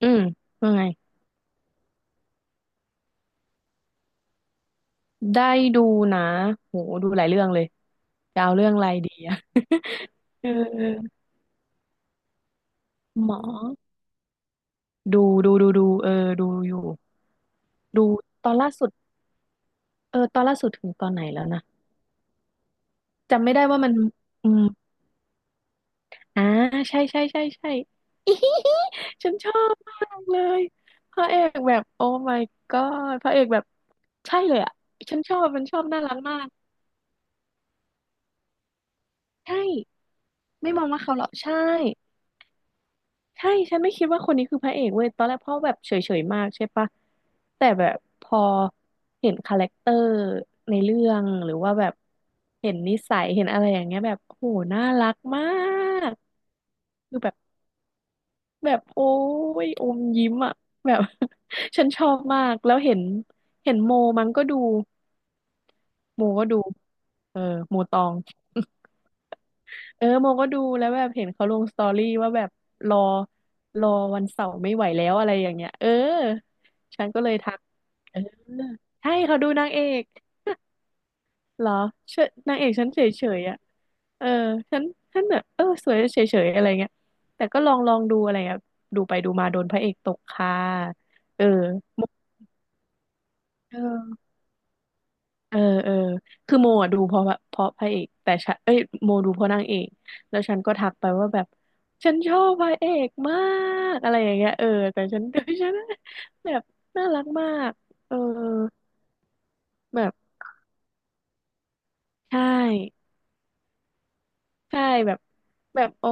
อืมว่าไงได้ดูนะโหดูหลายเรื่องเลยจะเอาเรื่องอะไรดีอะ เออหมอดูดูเออดูอยู่ดูตอนล่าสุดเออตอนล่าสุดถึงตอนไหนแล้วนะ จำไม่ได้ว่ามันอืมอ่าใช่ใช่ใช่ใช่ ฉันชอบมากเลยพระเอกแบบโอ้ my god พระเอกแบบใช่เลยอ่ะฉันชอบมันชอบน่ารักมาก ใช่ ไม่มองว่าเขาหรอกใช่ ใช่ ฉันไม่คิดว่าคนนี้คือพระเอกเว้ยตอนแรกพ่อแบบเฉยๆมากใช่ปะแต่แบบพอเห็นคาแรคเตอร์ในเรื่องหรือว่าแบบเห็นนิสัยเห็นอะไรอย่างเงี้ยแบบโอ้โหน่ารักมากคือแบบแบบโอ้ยอมยิ้มอ่ะแบบ ฉันชอบมากแล้วเห็นโมมันก็ดูโมก็ดูเออโมตอง เออโมก็ดูแล้วแบบเห็นเขาลงสตอรี่ว่าแบบรอรอวันเสาร์ไม่ไหวแล้วอะไรอย่างเงี้ยเออฉันก็เลยทักเออใช่เขาดูนางเอก เหรอเชยนางเอกฉันเฉยๆอ่ะเออฉันฉันแบบเออสวยเฉยๆอะไรเงี้ยแต่ก็ลองดูอะไรเงี้ยดูไปดูมาโดนพระเอกตกค่ะเออโมกเออ เออเออคือโมอ่ะดูเพราะพระเอกแต่ฉันเอ้ยโมดูเพราะนางเอกแล้วฉันก็ทักไปว่าแบบฉันชอบพระเอกมากอะไรอย่างเงี้ยเออแต่ฉัน ดูฉันแบบน่ารักมากเออแบบใช่ใช่แบบแบบโอ๊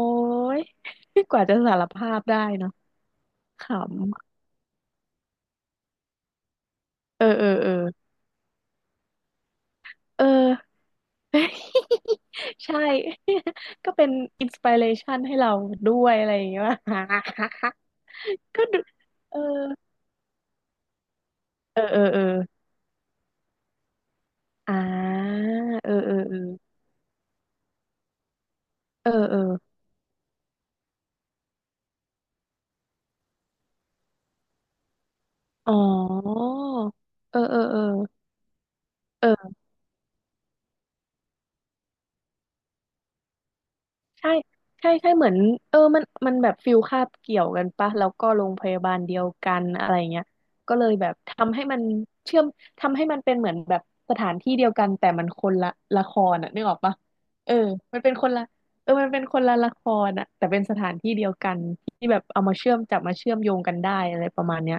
ย กว่าจะสารภาพได้เนาะขำเออเออเออเออ ใช่ ก็เป็นอินสปิเรชันให้เราด้วยอะไรอย่างเงี้ย ก็ดูเออเออเออเอออ่าเออเออเออเออเอออ๋อเออเออเออเออ ใช่ใช่ใช่ เหมือนเออมันแบบฟิลคาบเกี่ยวกันปะ แล้วก็โรงพยาบาลเดียวกันอะไรเงี้ยก็เลยแบบทำให้มันเชื่อม ทำให้มันเป็นเหมือนแบบสถานที่เดียวกันแต่มันคนละละครอ่ะนึกออกปะเออมันเป็นคนละเออมันเป็นคนละละครอ่ะแต่เป็นสถานที่เดียวกันที่แบบเอามาเชื่อมจับมาเชื่อมโยงกันได้อะไรประมาณเนี้ย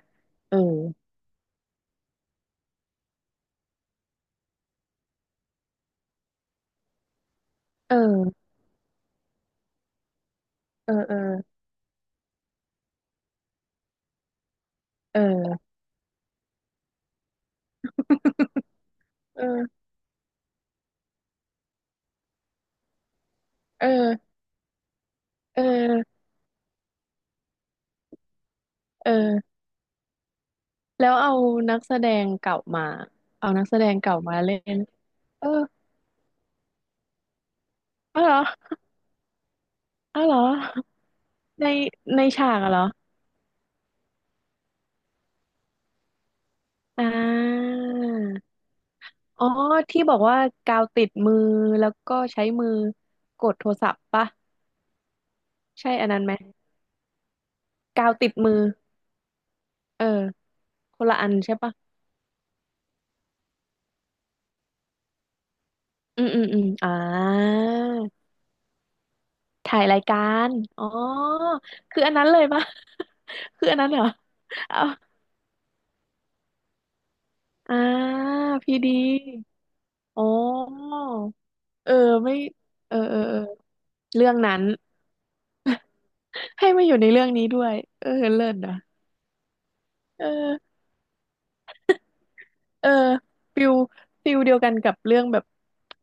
เออเออเออเออเออเออเออเออ แล้วเอานักแสดงเก่ามาเอานักแสดงเก่ามาเล่นเอออ้าวเหรออ้าวเหรอในในฉากอะเหรออ่าอ๋อที่บอกว่ากาวติดมือแล้วก็ใช้มือกดโทรศัพท์ปะใช่อันนั้นไหมกาวติดมือเออคนละอันใช่ปะอืมอืมอืมอ่าถ่ายรายการอ๋อคืออันนั้นเลยปะ คืออันนั้นเหรอเอาอ่าพีดีอ๋อ เออไม่เออเออเออเรื่องนั้น ให้มาอยู่ในเรื่องนี้ด้วยเออเลิศนะเออเออฟิลฟิลเดียวกันกับเรื่องแบบ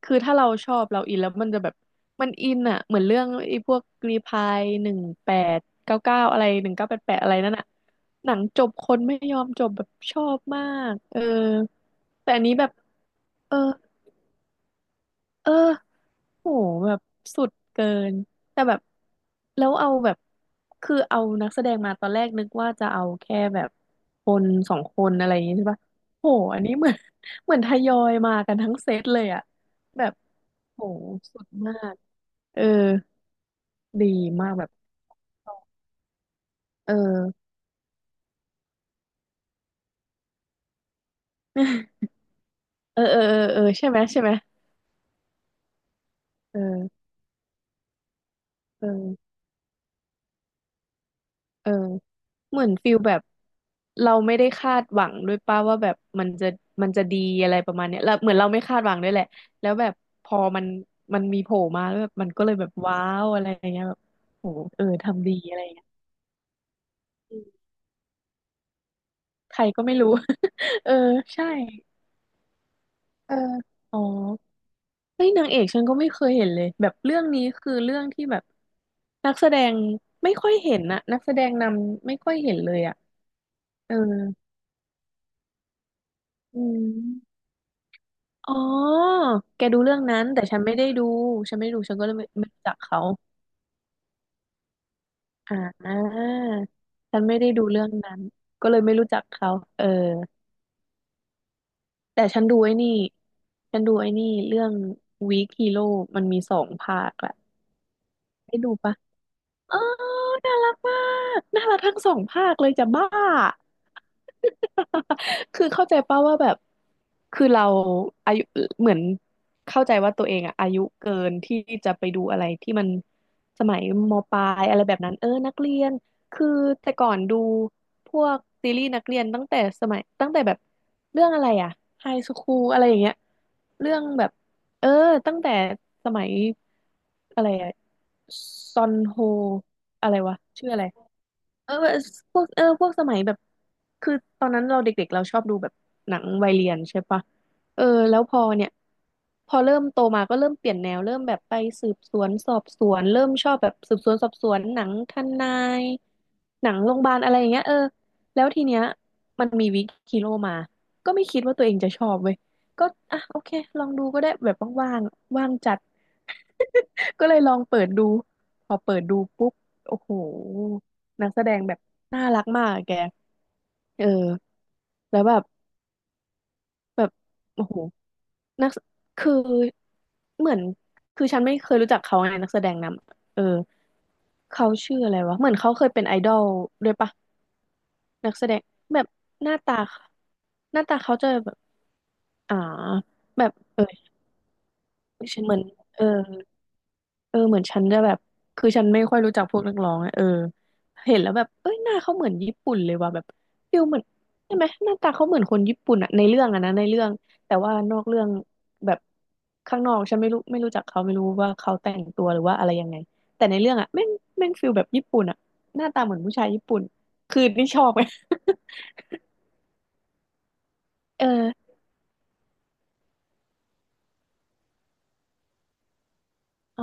คือถ้าเราชอบเราอินแล้วมันจะแบบมันอินอ่ะเหมือนเรื่องไอ้พวกรีพาย1899อะไร1988อะไรนั่นอ่ะหนังจบคนไม่ยอมจบแบบชอบมากเออแต่อันนี้แบบเออเออ โหแบบสุดเกินแต่แบบแล้วเอาแบบคือเอานักแสดงมาตอนแรกนึกว่าจะเอาแค่แบบคนสองคนอะไรอย่างงี้ใช่ปะโหอันนี้เหมือน เหมือนทยอยมากันทั้งเซตเลยอะแบบโหสุดมากเออดีมากแบบเออ เออเออเออเออใช่ไหมใช่ไหมเออเออเออ เหมือนฟิลแบบเราไม่ได้คาดหวังด้วยป้าว่าแบบมันจะมันจะดีอะไรประมาณเนี้ยแล้วเหมือนเราไม่คาดหวังด้วยแหละแล้วแบบพอมันมีโผล่มาแล้วแบบมันก็เลยแบบว้าวอะไรอย่างเงี้ยแบบโหเออทำดีอะไรอย่างเงี้ยอืมใครก็ไม่รู้ เออใช่เอออ๋อเฮ้ยนางเอกฉันก็ไม่เคยเห็นเลยแบบเรื่องนี้คือเรื่องที่แบบนักแสดงไม่ค่อยเห็นนะนักแสดงนำไม่ค่อยเห็นเลยอ่ะเอออืม อ๋อแกดูเรื่องนั้นแต่ฉันไม่ได้ดูฉันไม่ดูฉันก็เลยไม่รู้จักเขาอ่าฉันไม่ได้ดูเรื่องนั้นก็เลยไม่รู้จักเขาเออแต่ฉันดูไอ้นี่ฉันดูไอ้นี่เรื่อง Weak Hero มันมีสองภาคแหละได้ดูปะ เออน่ารักมาก น่ารักทั้งสองภาคเลยจะบ้า คือเข้าใจป่าว่าแบบคือเราอายุเหมือนเข้าใจว่าตัวเองอะอายุเกินที่จะไปดูอะไรที่มันสมัยมปลายอะไรแบบนั้นเออนักเรียน คือแต่ก่อนดูพวกซีรีส์นักเรียนตั้งแต่สมัยตั้งแต่แบบเรื่องอะไรอะไฮสคูลอะไรอย่างเงี้ยเรื่องแบบ เออตั้งแต่สมัยอะไรอะซอนโฮอะไรวะชื่ออะไร เออพวกพวกสมัยแบบคือตอนนั้นเราเด็กๆเราชอบดูแบบหนังวัยเรียนใช่ปะเออแล้วพอเนี่ยพอเริ่มโตมาก็เริ่มเปลี่ยนแนวเริ่มแบบไปสืบสวนสอบสวนเริ่มชอบแบบสืบสวนสอบสวนหนังทนายหนังโรงพยาบาลอะไรอย่างเงี้ยเออแล้วทีเนี้ยมันมีวิกฮีโร่มาก็ไม่คิดว่าตัวเองจะชอบเว้ยก็อ่ะโอเคลองดูก็ได้แบบว่างๆว่างจัด ก็เลยลองเปิดดูพอเปิดดูปุ๊บโอ้โหนักแสดงแบบน่ารักมากอะแกเออแล้วแบบแบบโอ้โหนักแสคือเหมือนคือฉันไม่เคยรู้จักเขาในนักแสดงนำเออเขาชื่ออะไรวะเหมือนเขาเคยเป็นไอดอลด้วยปะนักแสดงแบบหน้าตาหน้าตาเขาจะแบบอ่าแบบเออเหมือนเออ เออเหมือนฉันจะแบบคือฉันไม่ค่อยรู้จักพวกนักร้องอะเออเห็นแล้วแบบเอ้ยหน้าเขาเหมือนญี่ปุ่นเลยว่ะแบบฟิลเหมือนใช่ไหมหน้าตาเขาเหมือนคนญี่ปุ่นอะในเรื่องอะนะในเรื่องแต่ว่านอกเรื่องแบบข้างนอกฉันไม่รู้ไม่รู้จักเขาไม่รู้ว่าเขาแต่งตัวหรือว่าอะไรยังไงแต่ในเรื่องอะแม่งฟิลแบบญี่ปุ่นอะหน้าตาเหมือนผู้ชายญี่ปุ่นคือนี่ชอบไง เอออ๋อ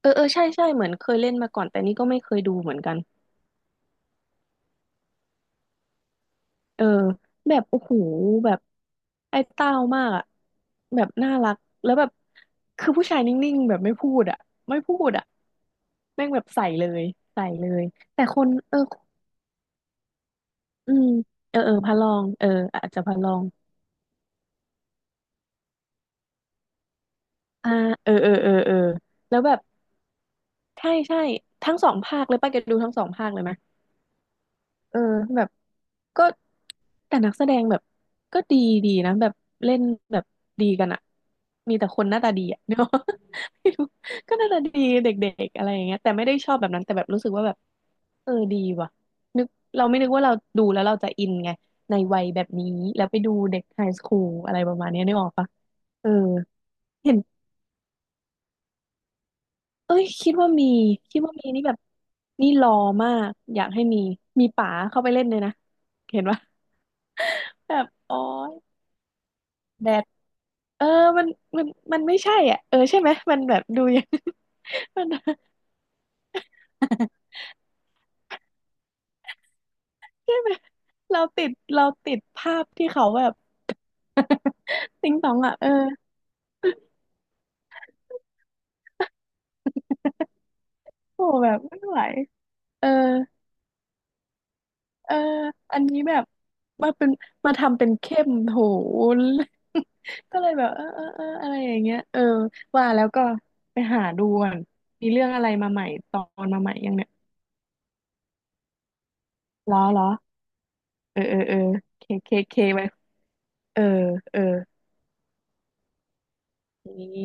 เออเออใช่ใช่เหมือนเคยเล่นมาก่อนแต่นี่ก็ไม่เคยดูเหมือนกัน เออแบบโอ้โหแบบไอ้เต้ามากอะแบบน่ารักแล้วแบบคือผู้ชายนิ่งๆแบบไม่พูดอะไม่พูดอะแม่งแบบใส่เลยใส่เลยแต่คนเอออืมเออเออพระรองเอออาจจะพระรองอ่าเออเออแล้วแบบใช่ใช่ทั้งสองภาคเลยป้าแกดูทั้งสองภาคเลยไหม เออแบบก็แต่นักแสดงแบบก็ดีดีนะแบบเล่นแบบดีกันอะมีแต่คนหน้าตาดีอะ เนาะไม่รู้ก็หน้าตาดีเด็กๆอะไรอย่างเงี้ยแต่ไม่ได้ชอบแบบนั้นแต่แบบรู้สึกว่าแบบเออดีว่ะนึกเราไม่นึกว่าเราดูแล้วเราจะอินไงในวัยแบบนี้แล้วไปดูเด็กไฮสคูลอะไรประมาณเนี้ยนึกออกปะเออเห็นเอ้ยคิดว่ามีคิดว่ามีนี่แบบนี่รอมากอยากให้มีมีป๋าเข้าไปเล่นเลยนะเห็นปะแบบอ๋อ แบดเออมันมันมันไม่ใช่อ่ะเออใช่ไหมมันแบบดูยัง มัน ใช่ไหมเราติดเราติดภาพที่เขาแบบติงตองอ่ะเออโหแบบไม่ไหวเออเอออันนี้แบบมาเป็นมาทำเป็นเข้มโห ก็เลยแบบเออเออเอออะไรอย่างเงี้ยเออว่าแล้วก็ไปหาดูก่อนมีเรื่องอะไรมาใหม่ตอนมาใหม่ยังเนี่ยล้อล้อเออเออเออเคเคเคไว้เออเออนี่